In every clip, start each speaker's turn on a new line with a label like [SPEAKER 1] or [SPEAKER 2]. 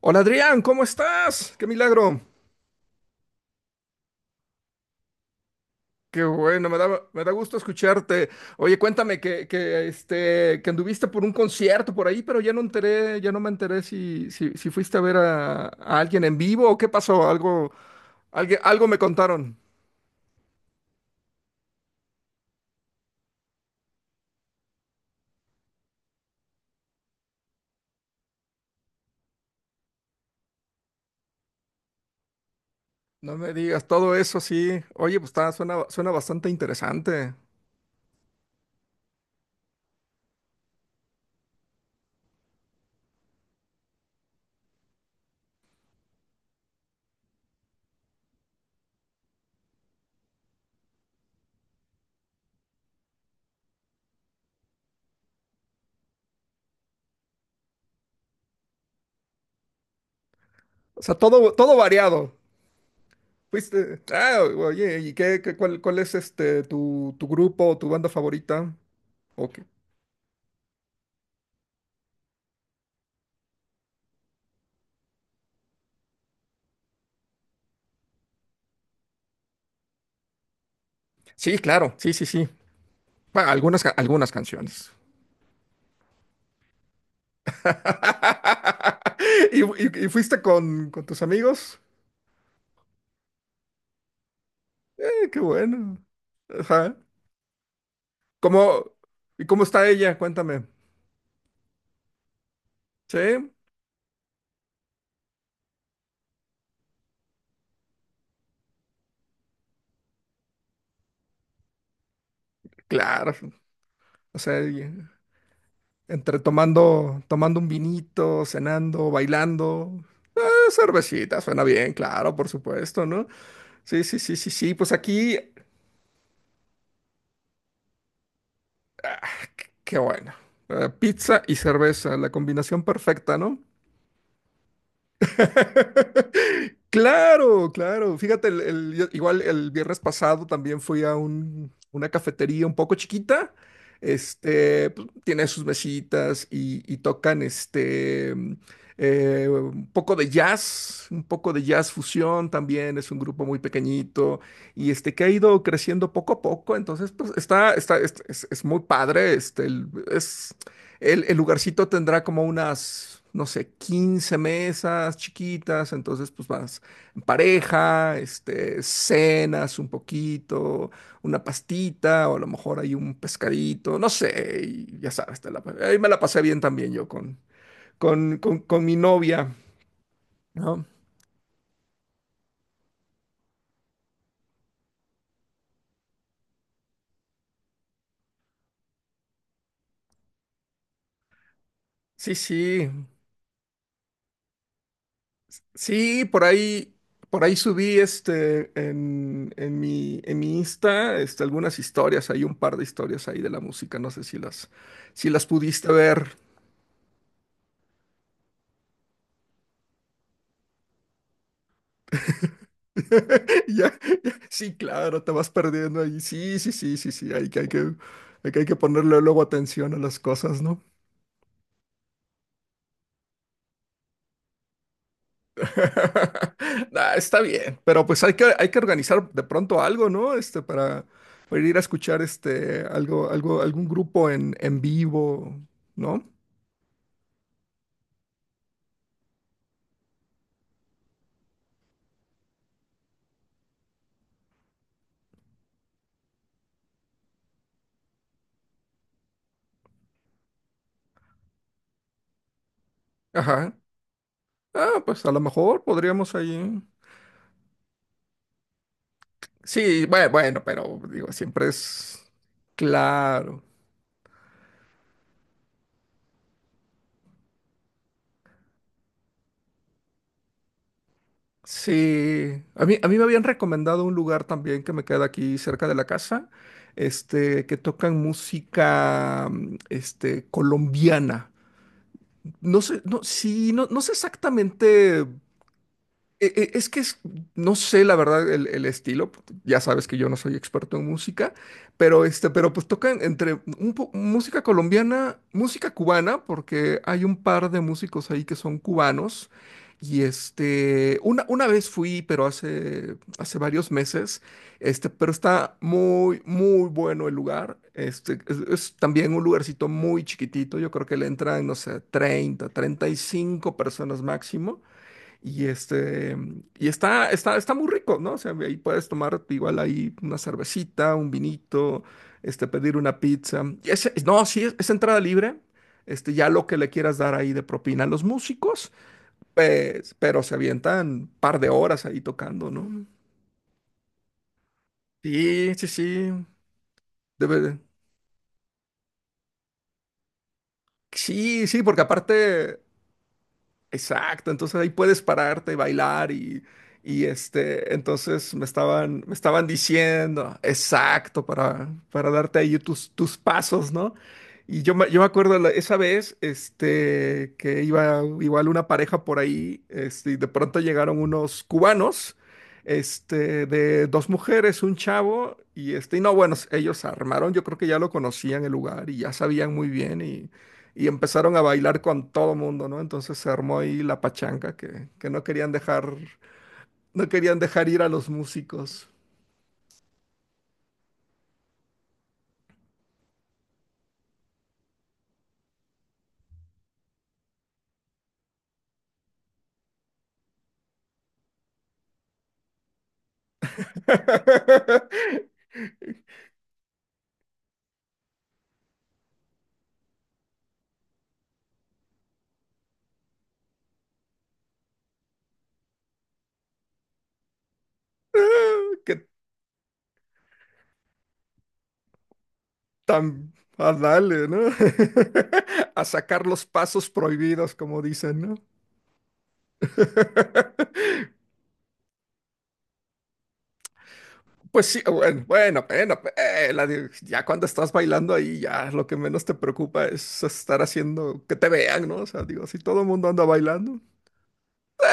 [SPEAKER 1] Hola Adrián, ¿cómo estás? ¡Qué milagro! Qué bueno, me da gusto escucharte. Oye, cuéntame que anduviste por un concierto por ahí, pero ya no me enteré si fuiste a ver a alguien en vivo o qué pasó, algo, algo me contaron. No me digas, todo eso sí. Oye, pues está, suena bastante interesante. O sea, todo variado. Fuiste. Ah, oye, ¿y cuál es tu grupo o tu banda favorita? Ok. Sí, claro, sí, sí, sí. Bueno, algunas, algunas canciones. ¿Y, y fuiste con tus amigos? Qué bueno. Ajá. ¿Cómo, y cómo está ella? Cuéntame. Sí, claro. O sea, entre tomando un vinito, cenando, bailando. Cervecita, suena bien, claro, por supuesto, ¿no? Sí, sí, sí, sí, sí. Pues aquí, qué bueno. Pizza y cerveza, la combinación perfecta, ¿no? Claro, claro. Fíjate, igual el viernes pasado también fui a una cafetería un poco chiquita. Pues, tiene sus mesitas y tocan un poco de jazz, un poco de jazz fusión también. Es un grupo muy pequeñito y que ha ido creciendo poco a poco. Entonces, pues es muy padre. El lugarcito tendrá como unas, no sé, 15 mesas chiquitas, entonces pues vas en pareja, cenas un poquito, una pastita o a lo mejor hay un pescadito, no sé, y ya sabes, te la ahí me la pasé bien también yo con mi novia, ¿no? Sí, sí. Sí, por ahí subí en en mi Insta, algunas historias, hay un par de historias ahí de la música, no sé si las pudiste ver. Ya, ya, sí, claro, te vas perdiendo ahí. Sí, sí, sí, sí, sí, hay que ponerle luego atención a las cosas, ¿no? Nah, está bien, pero pues hay que organizar de pronto algo, ¿no? Para ir a escuchar algún grupo en vivo, ¿no? Ajá. Ah, pues a lo mejor podríamos ahí. Sí, bueno, bueno, pero digo, siempre es claro. Sí. A mí me habían recomendado un lugar también que me queda aquí cerca de la casa, que tocan música, colombiana. No sé, no, sí, no, no sé exactamente es que no sé la verdad el estilo, ya sabes que yo no soy experto en música, pero pues tocan entre música colombiana, música cubana, porque hay un par de músicos ahí que son cubanos. Y una vez fui, pero hace varios meses, pero está muy, muy bueno el lugar. Es también un lugarcito muy chiquitito, yo creo que le entran, no sé, 30, 35 personas máximo. Está muy rico, ¿no? O sea, ahí puedes tomar igual ahí una cervecita, un vinito, pedir una pizza. No, sí, es entrada libre. Ya lo que le quieras dar ahí de propina a los músicos, pues, pero se avientan par de horas ahí tocando, ¿no? Sí, sí, sí. Debe de- Sí, sí, porque aparte. Exacto, entonces ahí puedes pararte, bailar y entonces me estaban diciendo, exacto, para darte ahí tus pasos, ¿no? Y yo me acuerdo esa vez, que iba igual una pareja por ahí, y de pronto llegaron unos cubanos, de dos mujeres, un chavo, y no, bueno, ellos armaron, yo creo que ya lo conocían el lugar y ya sabían muy bien y empezaron a bailar con todo mundo, ¿no? Entonces se armó ahí la pachanga que no querían dejar ir a los músicos. Que tan a darle, ¿no? A sacar los pasos prohibidos, como dicen, ¿no? Pues sí, bueno, bueno, bueno, ya cuando estás bailando ahí, ya lo que menos te preocupa es estar haciendo que te vean, ¿no? O sea, digo, si todo el mundo anda bailando.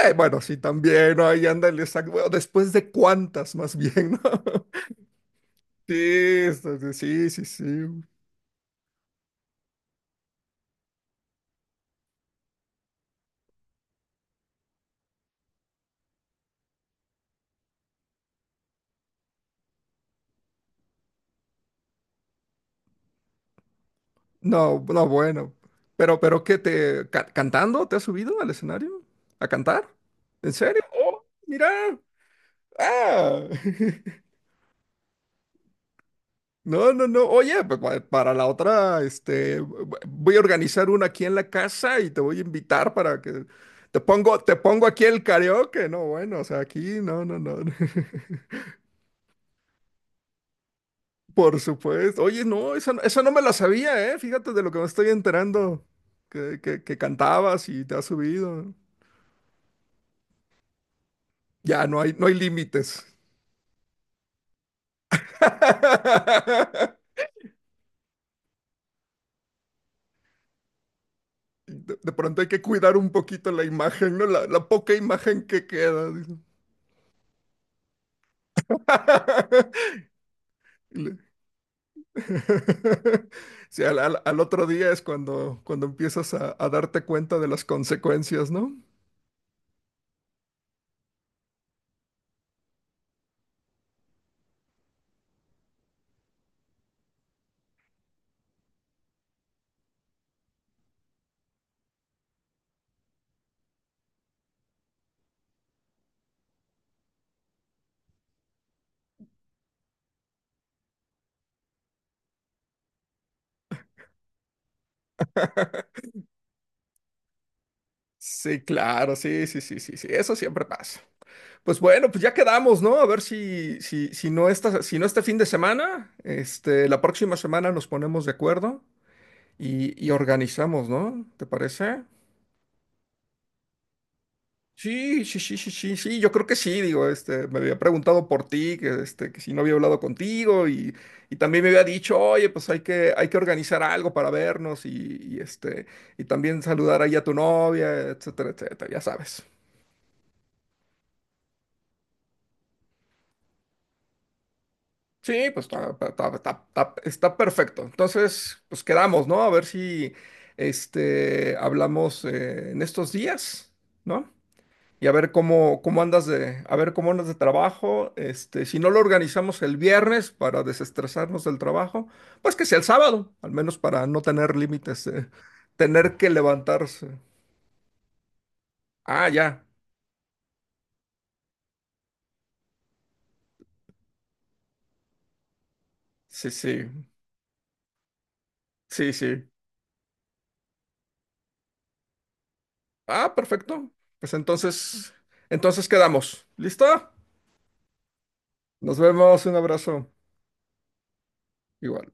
[SPEAKER 1] Bueno, sí, también, ¿no? Ahí ándale, exacto. Bueno, después de cuántas, más bien, ¿no? Sí, sí, sí, sí, sí. No, no, bueno. Pero ¿qué te cantando? ¿Te has subido al escenario? ¿A cantar? ¿En serio? Oh, mira. Ah. No, no, no. Oye, pues, para la otra, voy a organizar una aquí en la casa y te voy a invitar para que te pongo aquí el karaoke. No, bueno, o sea, aquí, no, no, no. Por supuesto. Oye, no, esa, no esa no me la sabía, ¿eh? Fíjate de lo que me estoy enterando. Que cantabas y te has subido. Ya, no hay límites. De pronto hay que cuidar un poquito la imagen, ¿no? La poca imagen que queda, dice. Le- Sí, al otro día es cuando empiezas a darte cuenta de las consecuencias, ¿no? Sí, claro, sí, sí, sí, sí, sí. Eso siempre pasa. Pues bueno, pues ya quedamos, ¿no? A ver si no este fin de semana, la próxima semana nos ponemos de acuerdo y organizamos, ¿no? ¿Te parece? Sí, sí, sí, sí, sí, sí, yo creo que sí, digo, me había preguntado por ti, que si no había hablado contigo y también me había dicho, oye, pues hay que organizar algo para vernos y, este, y también saludar ahí a tu novia, etcétera, etcétera, ya sabes. Sí, pues está perfecto. Entonces, pues quedamos, ¿no? A ver si hablamos en estos días, ¿no? Y a ver cómo andas de trabajo. Si no lo organizamos el viernes para desestresarnos del trabajo, pues que sea el sábado, al menos para no tener límites de tener que levantarse. Ah, ya. Sí, sí. Sí, sí. Ah, perfecto. Pues entonces quedamos. ¿Listo? Nos vemos, un abrazo. Igual.